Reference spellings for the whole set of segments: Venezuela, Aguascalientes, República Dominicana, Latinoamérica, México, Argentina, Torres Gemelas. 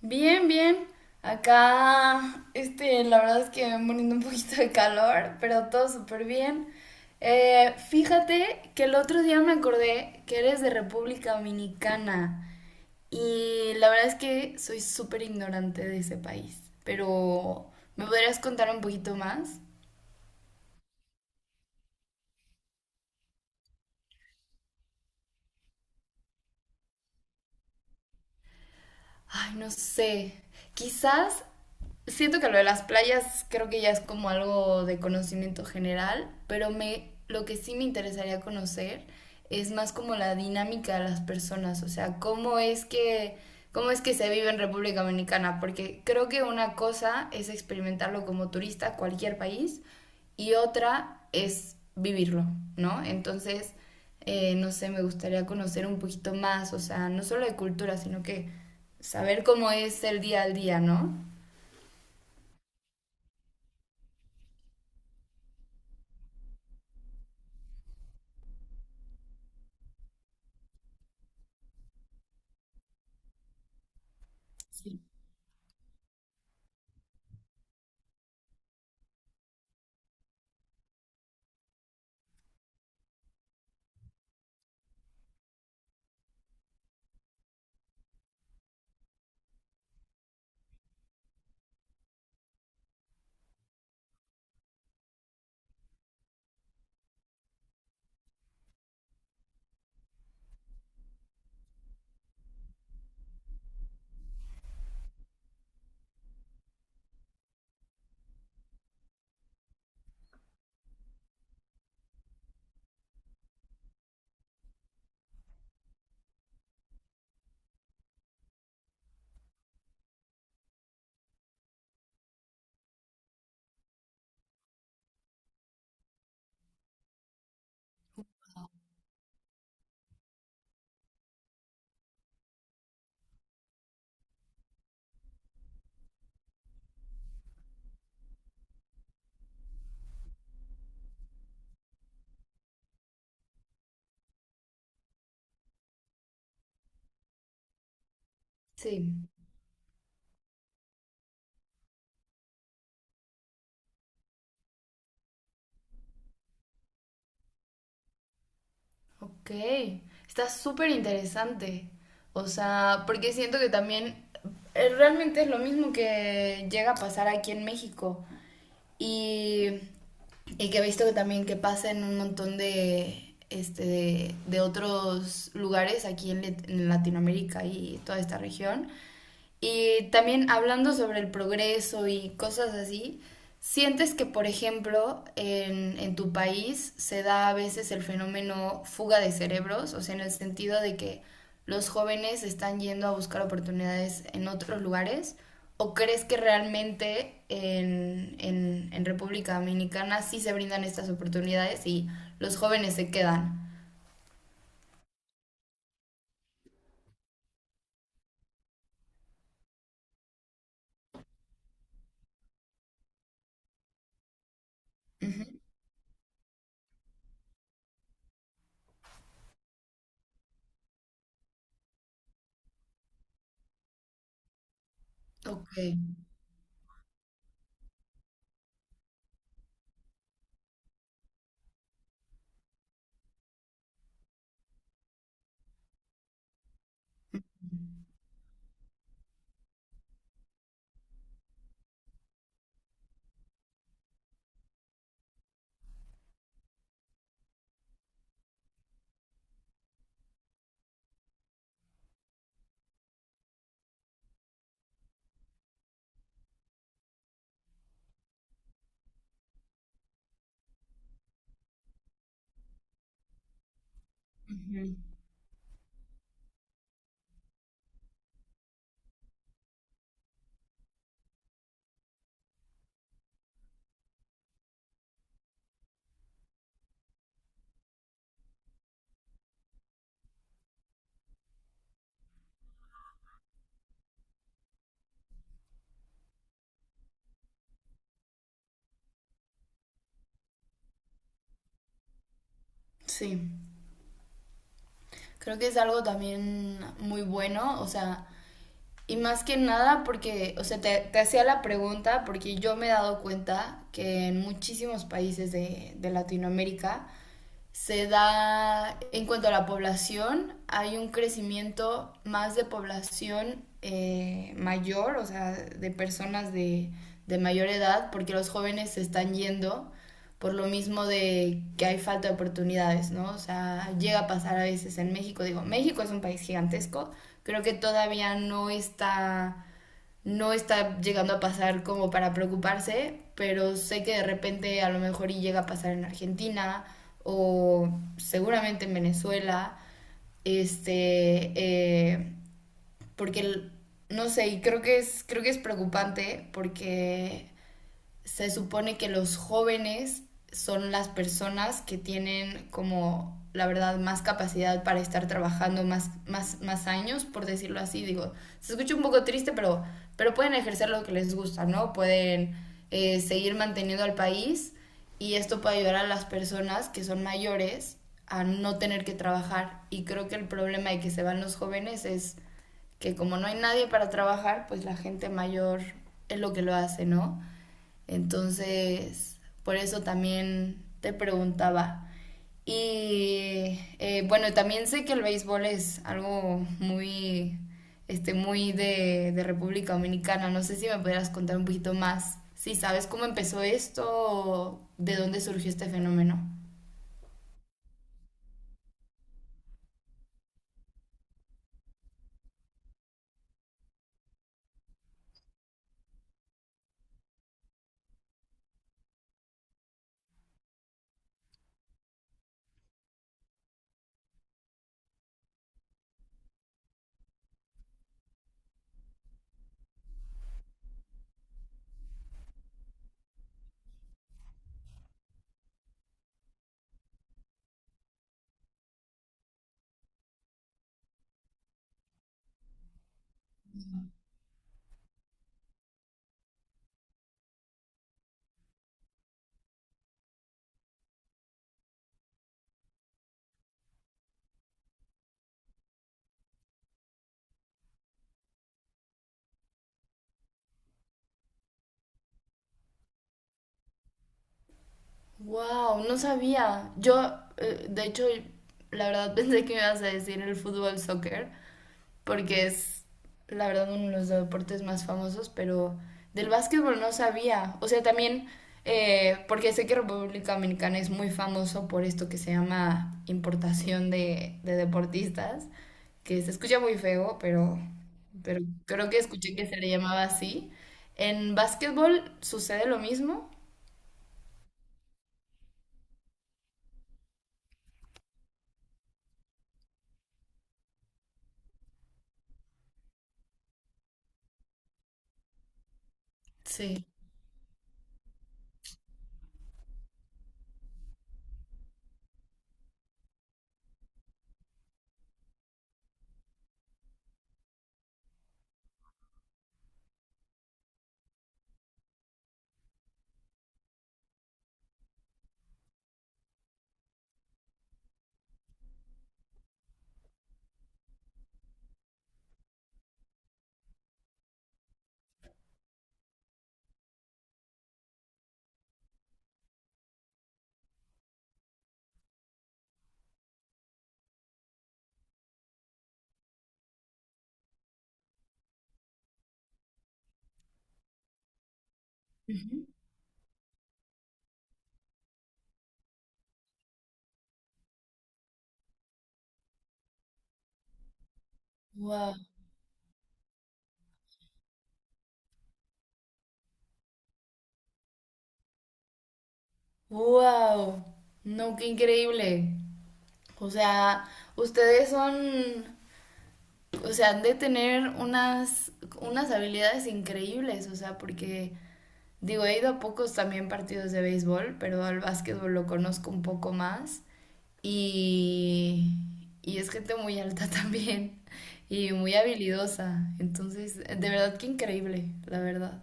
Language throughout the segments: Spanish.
Bien, bien. Acá, la verdad es que poniendo un poquito de calor, pero todo súper bien. Fíjate que el otro día me acordé que eres de República Dominicana y la verdad es que soy súper ignorante de ese país, pero ¿me podrías contar un poquito más? Ay, no sé. Quizás siento que lo de las playas creo que ya es como algo de conocimiento general, pero me lo que sí me interesaría conocer es más como la dinámica de las personas, o sea, cómo es que se vive en República Dominicana, porque creo que una cosa es experimentarlo como turista a cualquier país y otra es vivirlo, ¿no? Entonces, no sé, me gustaría conocer un poquito más, o sea, no solo de cultura, sino que saber cómo es el día al día, ¿no? Sí. Sí, ok. Está súper interesante. O sea, porque siento que también realmente es lo mismo que llega a pasar aquí en México. Y Y que he visto que también que pasa en un montón de, de otros lugares aquí en Latinoamérica y toda esta región, y también hablando sobre el progreso y cosas así, ¿sientes que, por ejemplo, en tu país se da a veces el fenómeno fuga de cerebros? O sea, en el sentido de que los jóvenes están yendo a buscar oportunidades en otros lugares. ¿O crees que realmente en República Dominicana sí se brindan estas oportunidades y los jóvenes se quedan? Ujú. Ok. Ujú. Sí. Creo que es algo también muy bueno, o sea, y más que nada porque, o sea, te hacía la pregunta porque yo me he dado cuenta que en muchísimos países de Latinoamérica se da, en cuanto a la población, hay un crecimiento más de población mayor, o sea, de personas de mayor edad, porque los jóvenes se están yendo por lo mismo de que hay falta de oportunidades, ¿no? O sea, llega a pasar a veces en México, digo, México es un país gigantesco, creo que todavía no está no está llegando a pasar como para preocuparse, pero sé que de repente a lo mejor y llega a pasar en Argentina o seguramente en Venezuela, este, eh, porque no sé, y creo que es preocupante porque se supone que los jóvenes son las personas que tienen como la verdad más capacidad para estar trabajando más años, por decirlo así. Digo, se escucha un poco triste, pero pueden ejercer lo que les gusta, ¿no? Pueden seguir manteniendo al país y esto puede ayudar a las personas que son mayores a no tener que trabajar. Y creo que el problema de que se van los jóvenes es que como no hay nadie para trabajar, pues la gente mayor es lo que lo hace, ¿no? Entonces, por eso también te preguntaba. Y bueno, también sé que el béisbol es algo muy de República Dominicana. No sé si me pudieras contar un poquito más, si sabes cómo empezó esto o de dónde surgió este fenómeno. Wow, no sabía. Yo, de hecho, la verdad pensé que me ibas a decir el fútbol soccer, porque es la verdad uno de los deportes más famosos, pero del básquetbol no sabía. O sea, también, porque sé que República Dominicana es muy famoso por esto que se llama importación de deportistas, que se escucha muy feo, pero creo que escuché que se le llamaba así. En básquetbol sucede lo mismo. Sí. Ujú. Wow, wow, no, qué increíble. O sea, ustedes son o sea, han de tener unas, unas habilidades increíbles, o sea, porque digo, he ido a pocos también partidos de béisbol, pero al básquetbol lo conozco un poco más y, y es gente muy alta también y muy habilidosa, entonces, de verdad que increíble, la verdad.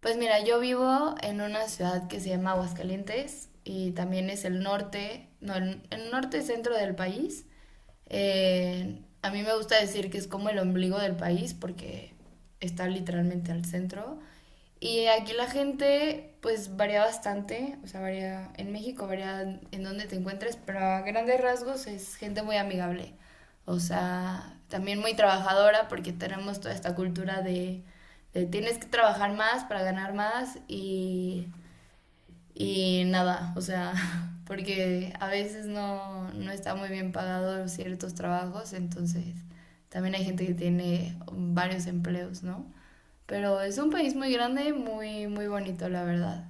Pues mira, yo vivo en una ciudad que se llama Aguascalientes y también es el norte, no, el norte y centro del país. A mí me gusta decir que es como el ombligo del país porque está literalmente al centro. Y aquí la gente pues varía bastante, o sea, varía en México, varía en donde te encuentres, pero a grandes rasgos es gente muy amigable. O sea, también muy trabajadora porque tenemos toda esta cultura de tienes que trabajar más para ganar más y nada, o sea, porque a veces no está muy bien pagado ciertos trabajos, entonces también hay gente que tiene varios empleos, ¿no? Pero es un país muy grande, muy, muy bonito, la verdad.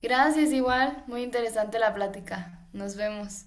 Gracias igual, muy interesante la plática. Nos vemos.